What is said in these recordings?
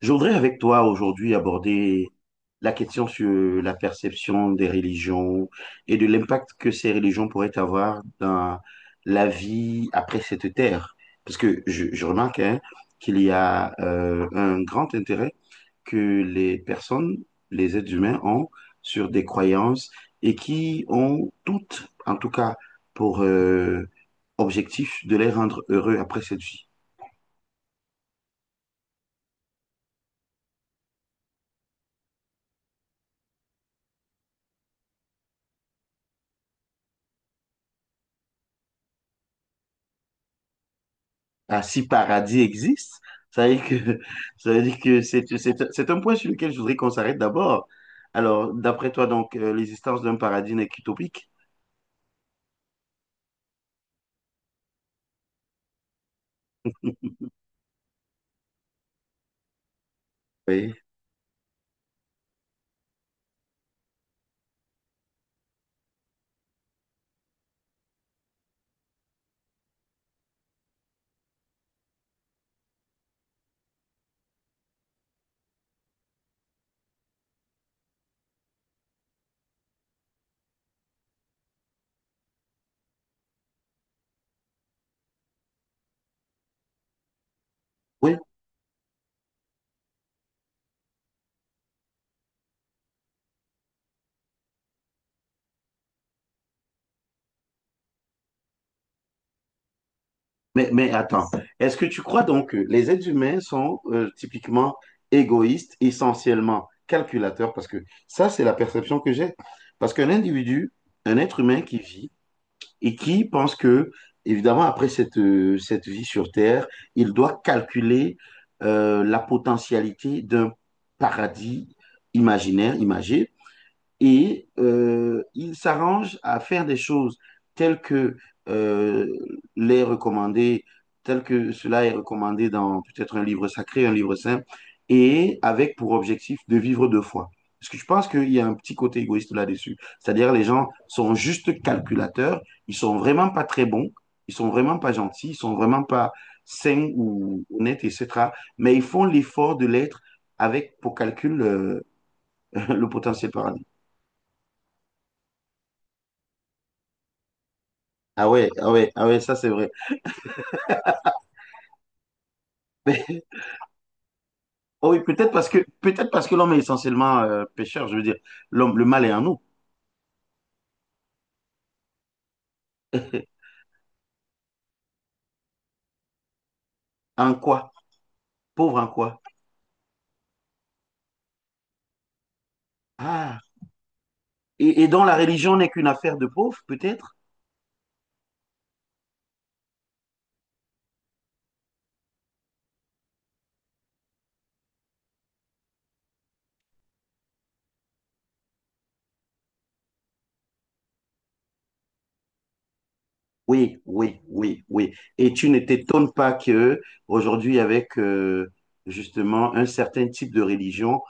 Je voudrais avec toi aujourd'hui aborder la question sur la perception des religions et de l'impact que ces religions pourraient avoir dans la vie après cette terre. Parce que je remarque hein, qu'il y a un grand intérêt que les personnes, les êtres humains ont sur des croyances et qui ont toutes, en tout cas pour objectif, de les rendre heureux après cette vie. Ah, si paradis existe, ça veut dire que, ça veut dire que c'est un point sur lequel je voudrais qu'on s'arrête d'abord. Alors, d'après toi, donc, l'existence d'un paradis n'est qu'utopique? Oui. Oui. Mais attends, est-ce que tu crois donc que les êtres humains sont typiquement égoïstes, essentiellement calculateurs? Parce que ça, c'est la perception que j'ai. Parce qu'un individu, un être humain qui vit et qui pense que, évidemment, après cette vie sur Terre, il doit calculer la potentialité d'un paradis imaginaire, imagé, et il s'arrange à faire des choses telles que euh, les recommander, telles que cela est recommandé dans peut-être un livre sacré, un livre saint, et avec pour objectif de vivre de foi. Parce que je pense qu'il y a un petit côté égoïste là-dessus. C'est-à-dire les gens sont juste calculateurs, ils sont vraiment pas très bons, ils sont vraiment pas gentils, ils sont vraiment pas sains ou honnêtes, etc. Mais ils font l'effort de l'être avec pour calcul le potentiel paradis. Ah ouais, ah ouais, ah ouais, ça c'est vrai. Mais, oh oui, peut-être parce que l'homme est essentiellement pécheur, je veux dire. L'homme, le mal est en nous. En quoi? Pauvre en quoi? Ah. Et dont la religion n'est qu'une affaire de pauvres, peut-être? Oui, oui, oui, oui. Et tu ne t'étonnes pas que aujourd'hui, avec justement un certain type de religion,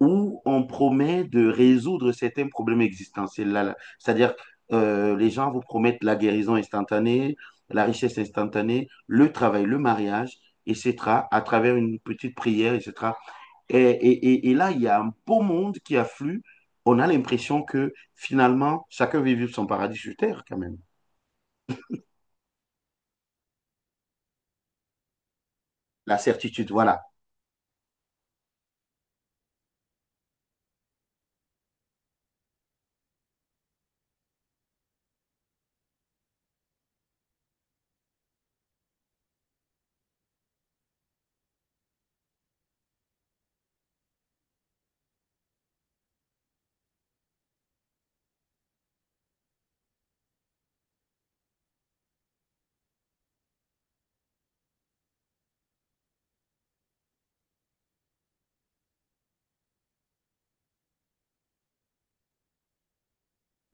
où on promet de résoudre certains problèmes existentiels. Là, là. C'est-à-dire, les gens vous promettent la guérison instantanée, la richesse instantanée, le travail, le mariage, etc., à travers une petite prière, etc. Et, et là, il y a un beau monde qui afflue. On a l'impression que finalement, chacun veut vivre son paradis sur terre quand même. La certitude, voilà.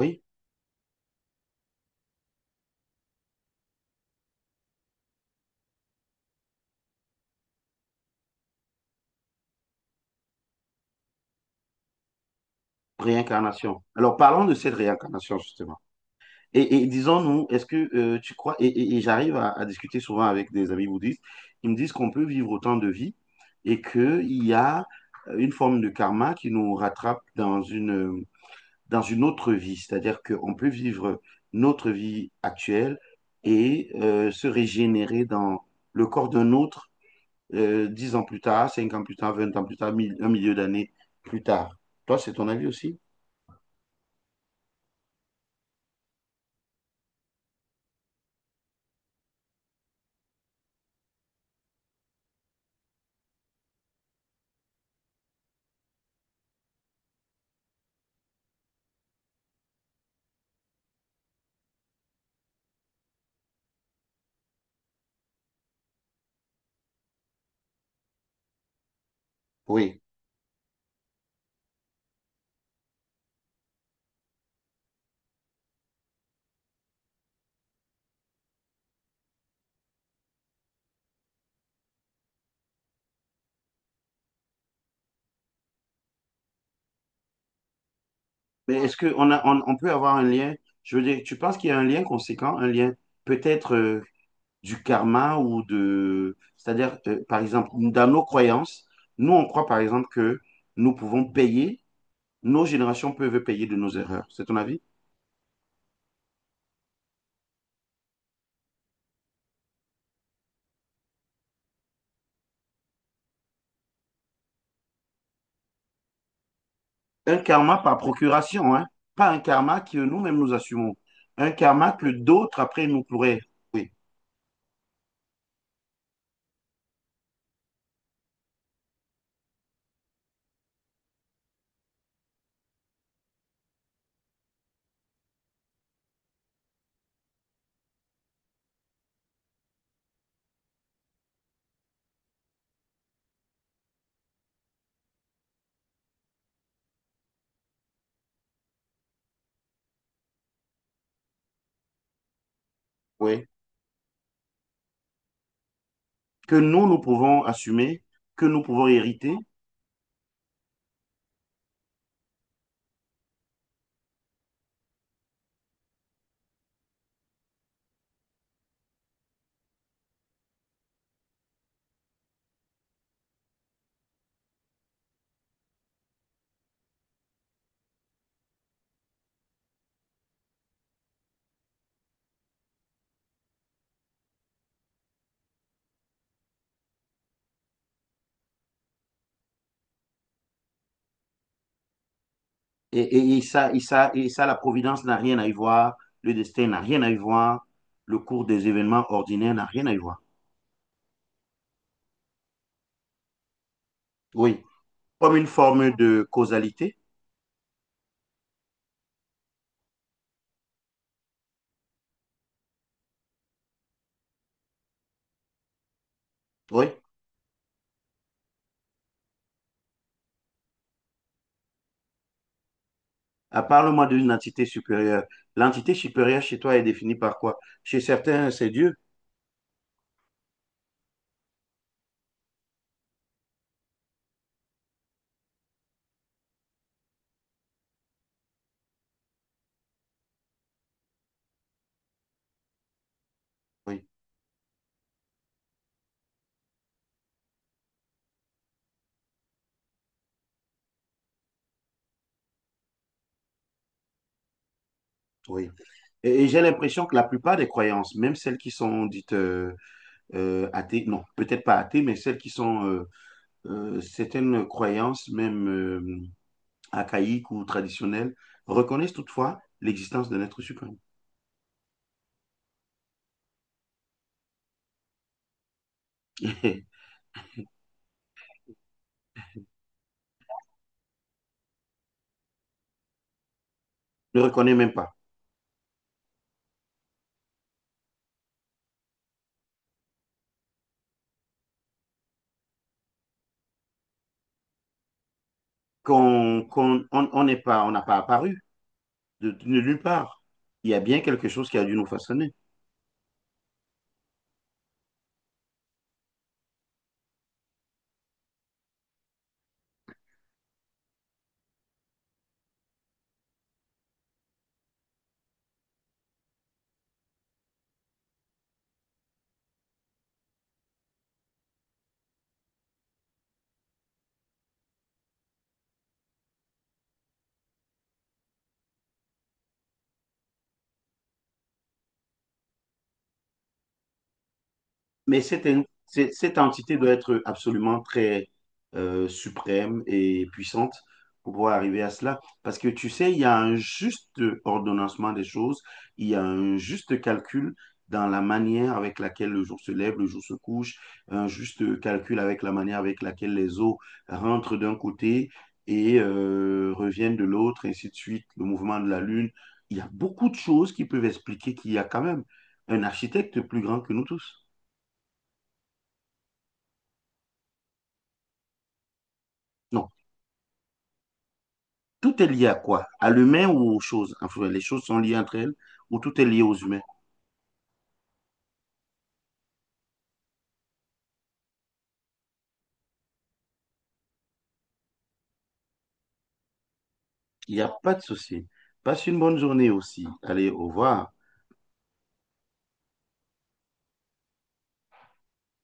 Oui, réincarnation. Alors parlons de cette réincarnation, justement. Et disons-nous, est-ce que tu crois, et, et j'arrive à discuter souvent avec des amis bouddhistes, ils me disent qu'on peut vivre autant de vies et qu'il y a une forme de karma qui nous rattrape dans une autre vie. C'est-à-dire qu'on peut vivre notre vie actuelle et se régénérer dans le corps d'un autre 10 ans plus tard, 5 ans plus tard, 20 ans plus tard, un milieu d'années plus tard. Toi, c'est ton avis aussi? Oui. Mais est-ce qu'on a, on peut avoir un lien? Je veux dire, tu penses qu'il y a un lien conséquent, un lien peut-être du karma ou de... C'est-à-dire, par exemple, dans nos croyances, nous, on croit, par exemple, que nous pouvons payer, nos générations peuvent payer de nos erreurs. C'est ton avis? Un karma par procuration, hein, pas un karma que nous-mêmes nous assumons, un karma que d'autres après nous pourraient, oui, oui, que nous, nous pouvons assumer, que nous pouvons hériter, et ça, la providence n'a rien à y voir, le destin n'a rien à y voir, le cours des événements ordinaires n'a rien à y voir. Oui, comme une forme de causalité, oui. À parle-moi d'une entité supérieure. L'entité supérieure chez toi est définie par quoi? Chez certains, c'est Dieu. Oui, oui. Et j'ai l'impression que la plupart des croyances, même celles qui sont dites athées, non, peut-être pas athées, mais celles qui sont certaines croyances, même archaïques ou traditionnelles, reconnaissent toutefois l'existence d'un être suprême. Ne reconnaît même pas. On n'est pas, on n'a pas apparu de nulle part. Il y a bien quelque chose qui a dû nous façonner. Mais cette entité doit être absolument très suprême et puissante pour pouvoir arriver à cela. Parce que tu sais, il y a un juste ordonnancement des choses, il y a un juste calcul dans la manière avec laquelle le jour se lève, le jour se couche, un juste calcul avec la manière avec laquelle les eaux rentrent d'un côté et reviennent de l'autre, ainsi de suite, le mouvement de la Lune. Il y a beaucoup de choses qui peuvent expliquer qu'il y a quand même un architecte plus grand que nous tous. Non, tout est lié à quoi? À l'humain ou aux choses? Enfin, les choses sont liées entre elles ou tout est lié aux humains. Il n'y a pas de souci. Passe une bonne journée aussi. Allez, au revoir.